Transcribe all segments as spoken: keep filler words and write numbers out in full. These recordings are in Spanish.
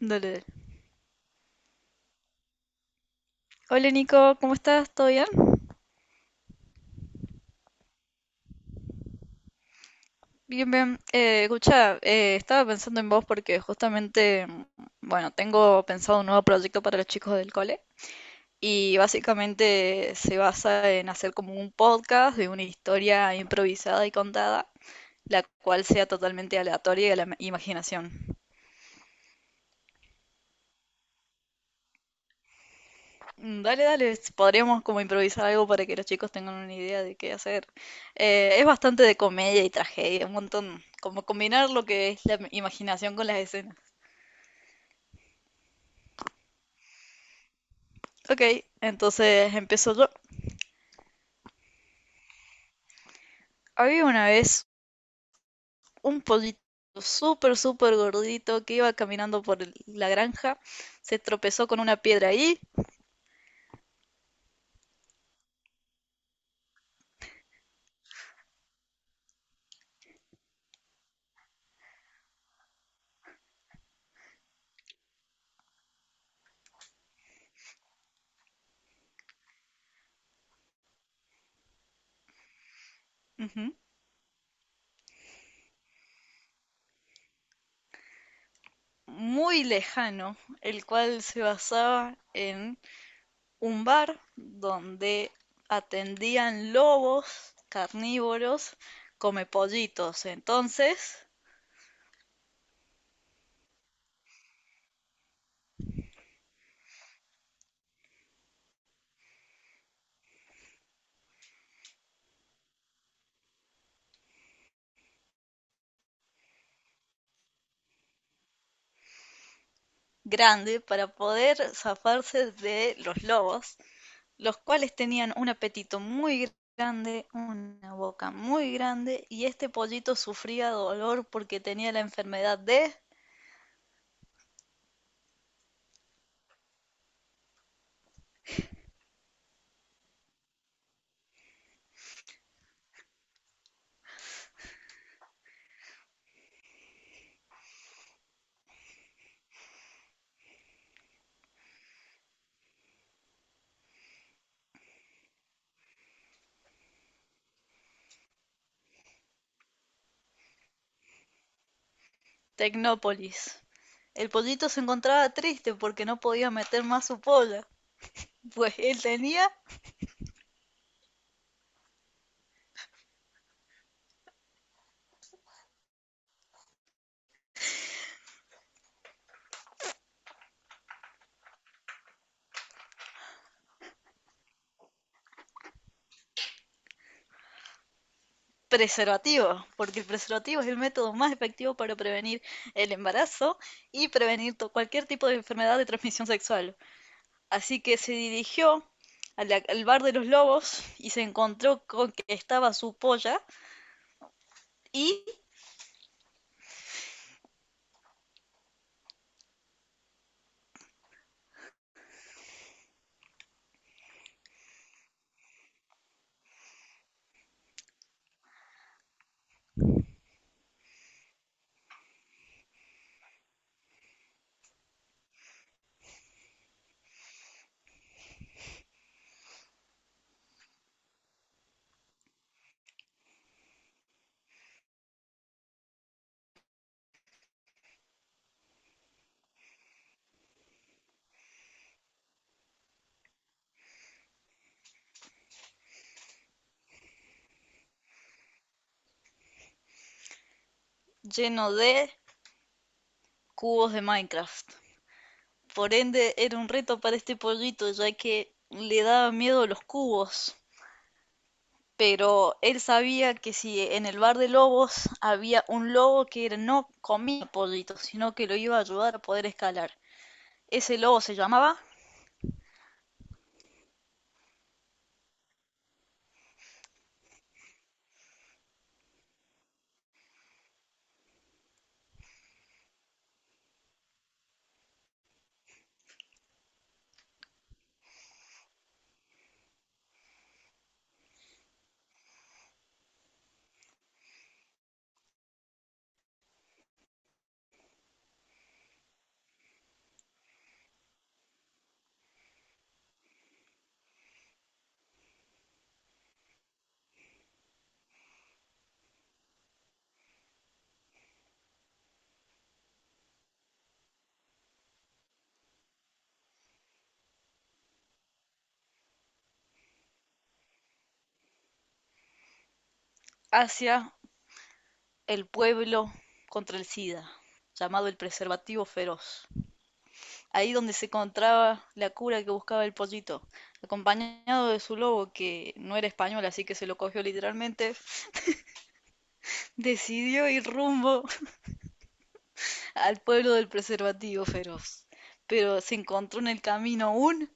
Dale, dale. Hola Nico, ¿cómo estás? ¿Todo bien? Bien, bien. Eh, escucha, eh, estaba pensando en vos porque justamente, mm, bueno, tengo pensado un nuevo proyecto para los chicos del cole y básicamente se basa en hacer como un podcast de una historia improvisada y contada, la cual sea totalmente aleatoria y a la ma- imaginación. Mm, Dale, dale, s- podríamos como improvisar algo para que los chicos tengan una idea de qué hacer. Eh, es bastante de comedia y tragedia, un montón, como combinar lo que es la imaginación con las escenas. Ok, entonces empiezo yo. Había una vez un pollito súper, súper gordito que iba caminando por el- la granja, se tropezó con una piedra ahí, ujú, muy lejano, el cual se basaba en un bar donde atendían lobos carnívoros comepollitos. Entonces, grande para poder zafarse de los lobos, los cuales tenían un apetito muy grande, una boca muy grande, y este pollito sufría dolor porque tenía la enfermedad de Tecnópolis. El pollito se encontraba triste porque no podía meter más su polla, pues él tenía preservativo, porque el preservativo es el método más efectivo para prevenir el embarazo y prevenir to- cualquier tipo de enfermedad de transmisión sexual. Así que se dirigió a la- al bar de los lobos y se encontró con que estaba su polla y lleno de cubos de Minecraft. Por ende, era un reto para este pollito, ya que le daba miedo los cubos. Pero él sabía que si en el bar de lobos había un lobo que era- no comía pollitos, sino que lo iba a ayudar a poder escalar. Ese lobo se llamaba hacia el pueblo contra el S I D A, llamado el preservativo feroz. Ahí donde se encontraba la cura que buscaba el pollito, acompañado de su lobo, que no era español, así que se lo cogió literalmente, decidió ir rumbo al pueblo del preservativo feroz. Pero se encontró en el camino un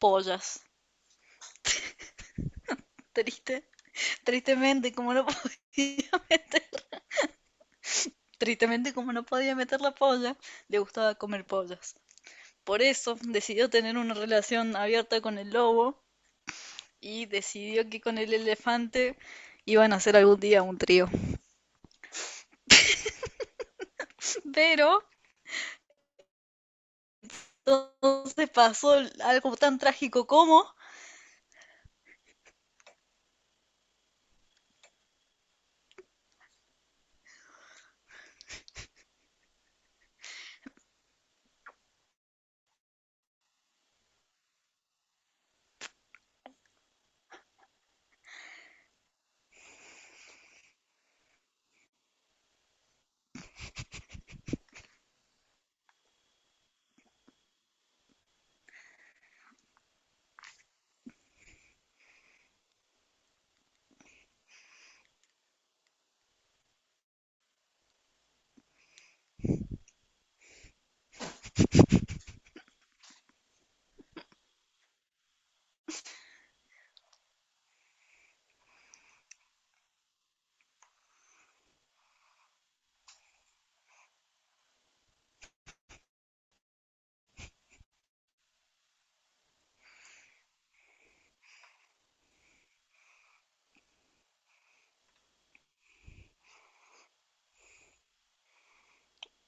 pollas. Triste. Tristemente, como no podía met- tristemente, como no podía meter la polla, le gustaba comer pollas. Por eso decidió tener una relación abierta con el lobo y decidió que con el elefante iban a hacer algún día un trío. Pero entonces pasó algo tan trágico como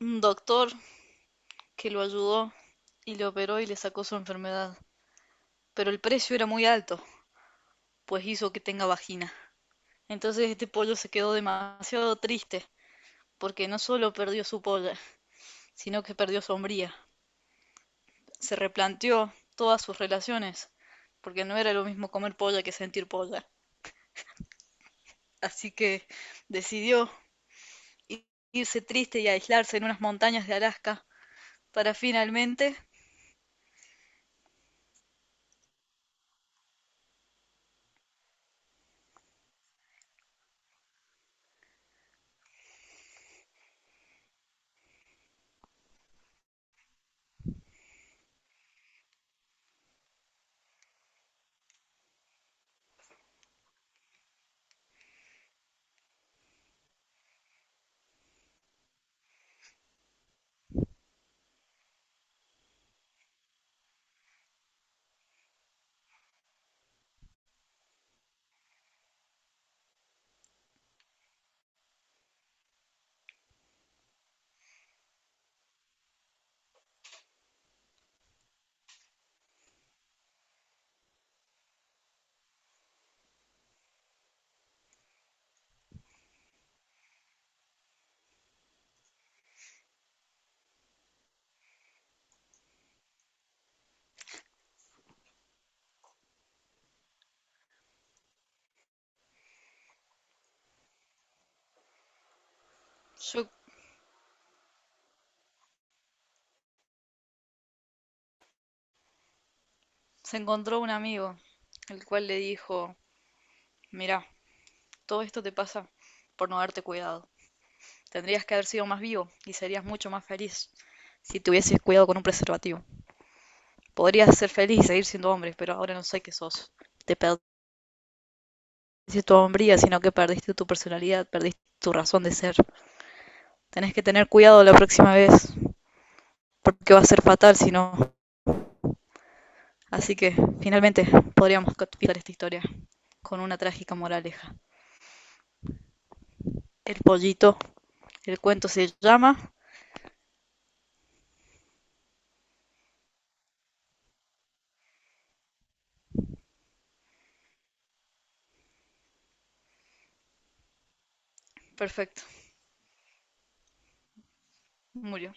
un doctor que lo ayudó y lo operó y le sacó su enfermedad. Pero el precio era muy alto, pues hizo que tenga vagina. Entonces este pollo se quedó demasiado triste, porque no solo perdió su polla, sino que perdió su hombría. Se replanteó todas sus relaciones, porque no era lo mismo comer polla que sentir polla. Así que decidió irse triste y aislarse en unas montañas de Alaska para finalmente yo, se encontró un amigo, el cual le dijo, mira, todo esto te pasa por no darte cuidado. Tendrías que haber sido más vivo y serías mucho más feliz si te hubieses cuidado con un preservativo. Podrías ser feliz y seguir siendo hombre, pero ahora no sé qué sos. Te perdiste tu hombría, sino que perdiste tu personalidad, perdiste tu razón de ser. Tenés que tener cuidado la próxima vez, porque va a ser fatal si no. Así que, finalmente, podríamos capturar esta historia con una trágica moraleja. El pollito, el cuento se llama... Perfecto, murió.